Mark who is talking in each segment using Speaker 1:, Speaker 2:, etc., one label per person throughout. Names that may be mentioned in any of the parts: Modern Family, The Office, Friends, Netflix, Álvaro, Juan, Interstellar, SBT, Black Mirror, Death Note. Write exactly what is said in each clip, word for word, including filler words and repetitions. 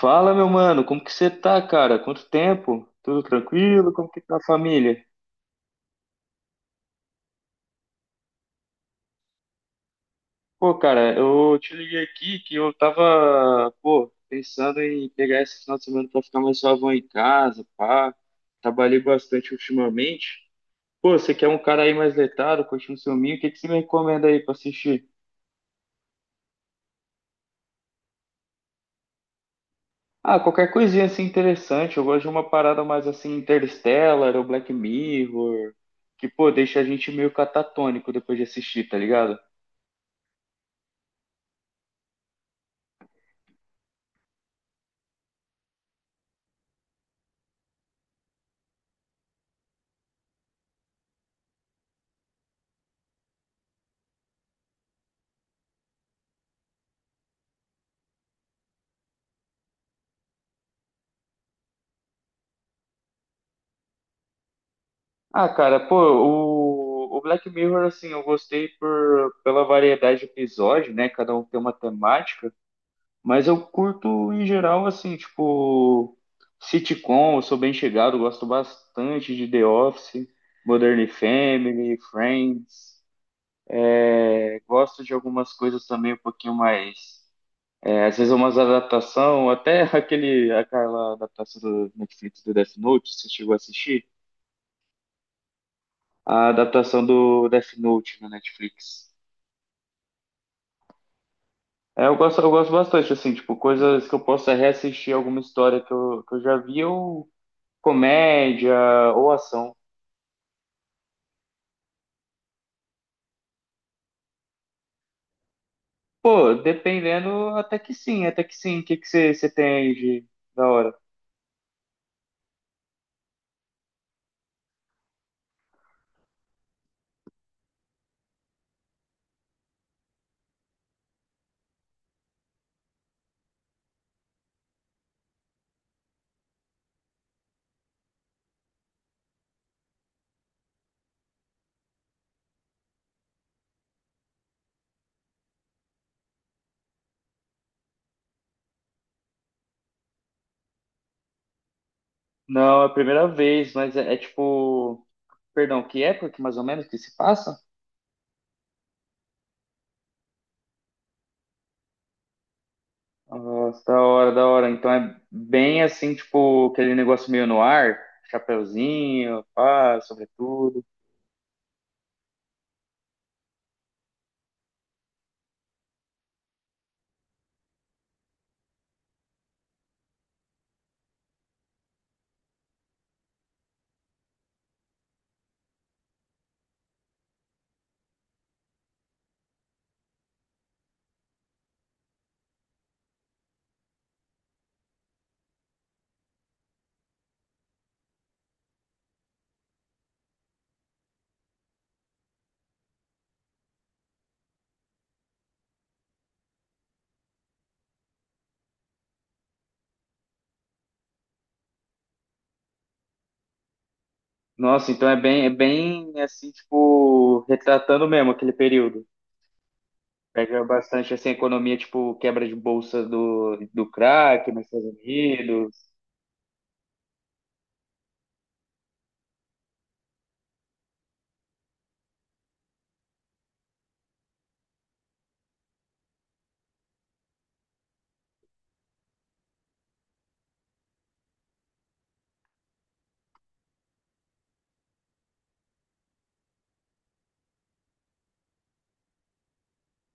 Speaker 1: Fala, meu mano, como que você tá, cara? Quanto tempo? Tudo tranquilo? Como que tá a família? Pô, cara, eu te liguei aqui que eu tava, pô, pensando em pegar esse final de semana pra ficar mais suavão em casa, pá. Trabalhei bastante ultimamente. Pô, você quer um cara aí mais letrado, curtindo seu filminho, o que que você me recomenda aí pra assistir? Ah, qualquer coisinha assim interessante. Eu gosto de uma parada mais assim, Interstellar ou Black Mirror, que, pô, deixa a gente meio catatônico depois de assistir, tá ligado? Ah, cara, pô, o, o Black Mirror, assim, eu gostei por, pela variedade de episódio, né? Cada um tem uma temática, mas eu curto em geral, assim, tipo, sitcom, eu sou bem chegado, gosto bastante de The Office, Modern Family, Friends, é, gosto de algumas coisas também um pouquinho mais. é, às vezes umas adaptação, até aquele, aquela adaptação do Netflix do Death Note, você chegou a assistir? A adaptação do Death Note na Netflix. É, eu gosto, eu gosto bastante, assim, tipo, coisas que eu possa reassistir alguma história que eu, que eu já vi, ou comédia, ou ação. Pô, dependendo, até que sim, até que sim. O que que você você tem aí de da hora? Não, é a primeira vez, mas é, é tipo. Perdão, que época que mais ou menos que se passa? Nossa, da hora, da hora. Então é bem assim, tipo, aquele negócio meio no ar, chapeuzinho, pá, sobretudo. Nossa, então é bem, é bem assim, tipo, retratando mesmo aquele período. Pega bastante assim, a economia, tipo, quebra de bolsa do, do crack nos Estados Unidos.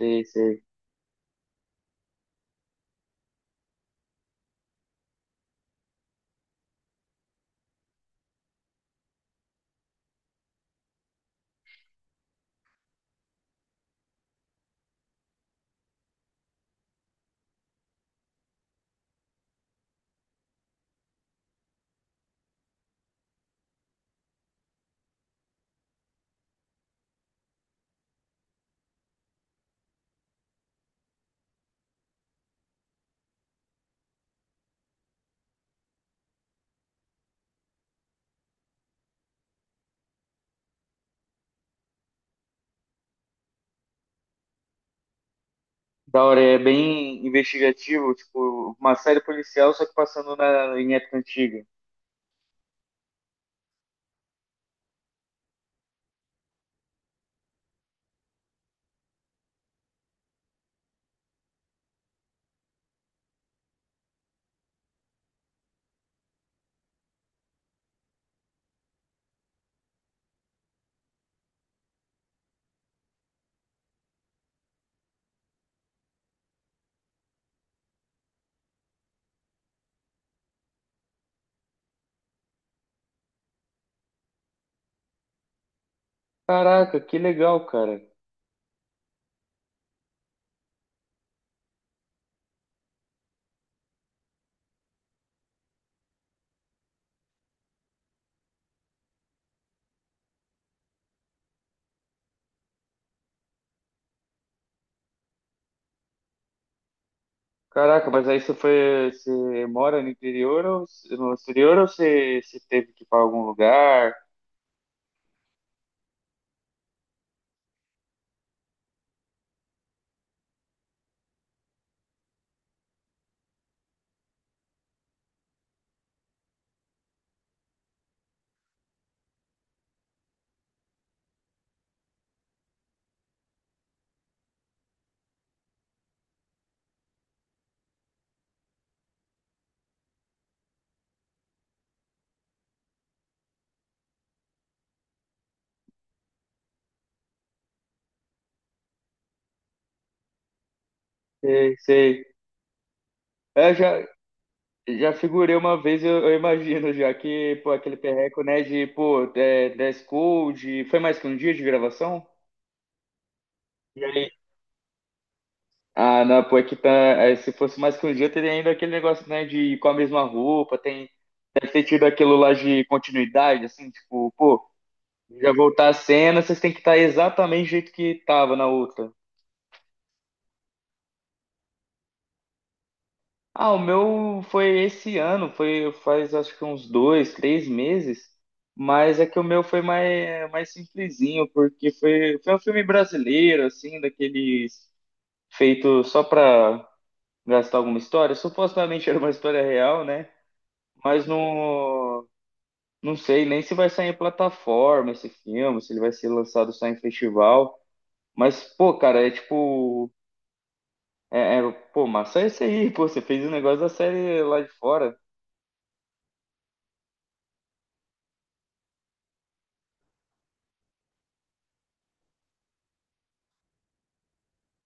Speaker 1: Sei, sei. Da hora, é bem investigativo, tipo, uma série policial, só que passando na, em época antiga. Caraca, que legal, cara. Caraca, mas aí você foi, você mora no interior ou no exterior ou você, você teve que ir para algum lugar? Sei, sei. É, já. Já figurei uma vez, eu, eu imagino já que, pô, aquele perreco, né, de, pô, é, dress code, foi mais que um dia de gravação? E aí? Ah, não, pô, é que tá, é, se fosse mais que um dia, teria ainda aquele negócio, né, de ir com a mesma roupa, tem, deve ter tido aquilo lá de continuidade, assim, tipo, pô, já voltar a cena, vocês têm que estar exatamente do jeito que tava na outra. Ah, o meu foi esse ano, foi faz acho que uns dois, três meses, mas é que o meu foi mais, mais simplesinho, porque foi, foi um filme brasileiro, assim, daqueles feito só pra gastar alguma história. Supostamente era uma história real, né? Mas não, não sei nem se vai sair em plataforma esse filme, se ele vai ser lançado só em festival. Mas, pô, cara, é tipo. É, é, pô, mas sai isso aí, pô, você fez um negócio da série lá de fora.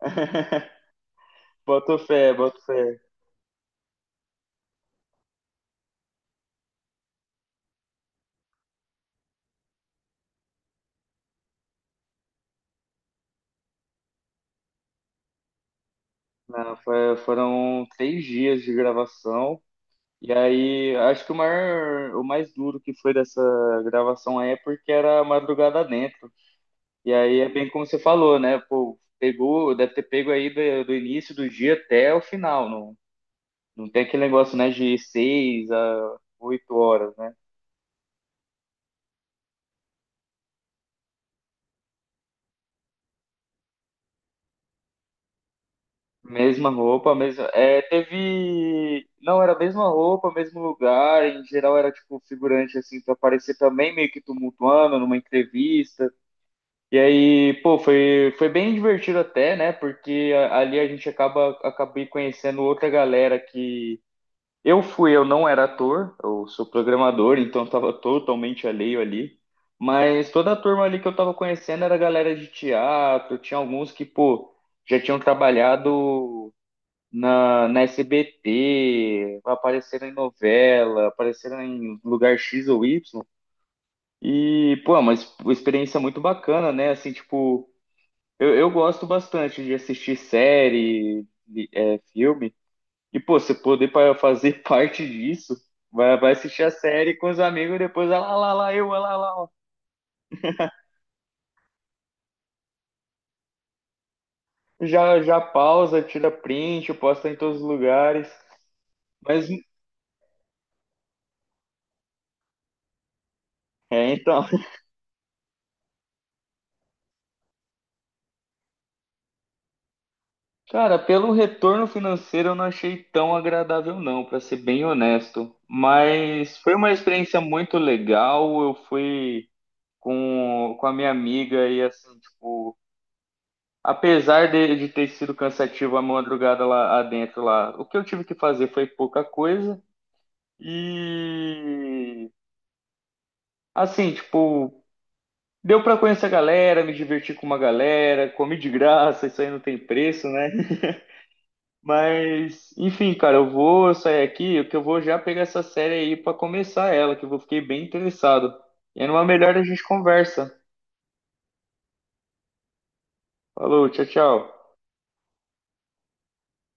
Speaker 1: Boto fé, boto fé. Não, foi- foram três dias de gravação. E aí, acho que o maior, o mais duro que foi dessa gravação aí é porque era madrugada dentro. E aí é bem como você falou, né? Pô, pegou, deve ter pego aí do, do início do dia até o final. Não, não tem aquele negócio, né, de seis a oito horas. Mesma roupa, mesma. É, teve. Não, era a mesma roupa, mesmo lugar. Em geral era tipo figurante assim pra aparecer também meio que tumultuando numa entrevista. E aí, pô, foi, foi bem divertido até, né? Porque a- ali a gente acaba acabei conhecendo outra galera que eu fui, eu não era ator, eu sou programador, então eu tava totalmente alheio ali. Mas toda a turma ali que eu tava conhecendo era galera de teatro, tinha alguns que, pô, já tinham trabalhado na, na S B T, apareceram em novela, apareceram em lugar X ou Y. E, pô, é uma ex- uma experiência muito bacana, né? Assim, tipo, eu, eu gosto bastante de assistir série, li- é, filme. E, pô, você poder pa- fazer parte disso, vai, vai assistir a série com os amigos e depois, ah lá, lá, lá, eu, ah lá, lá. Ó. Já, já pausa, tira print, posta em todos os lugares. Mas, é, então. Cara, pelo retorno financeiro eu não achei tão agradável não, para ser bem honesto. Mas foi uma experiência muito legal. Eu fui com, com a minha amiga e assim, tipo, apesar de, de ter sido cansativo a madrugada lá dentro lá, o que eu tive que fazer foi pouca coisa. E assim, tipo, deu para conhecer a galera, me divertir com uma galera, comi de graça, isso aí não tem preço, né? Mas, enfim, cara, eu vou sair aqui, que eu vou já pegar essa série aí pra começar ela, que eu fiquei bem interessado. E é numa melhor a gente conversa. Falou, tchau, tchau.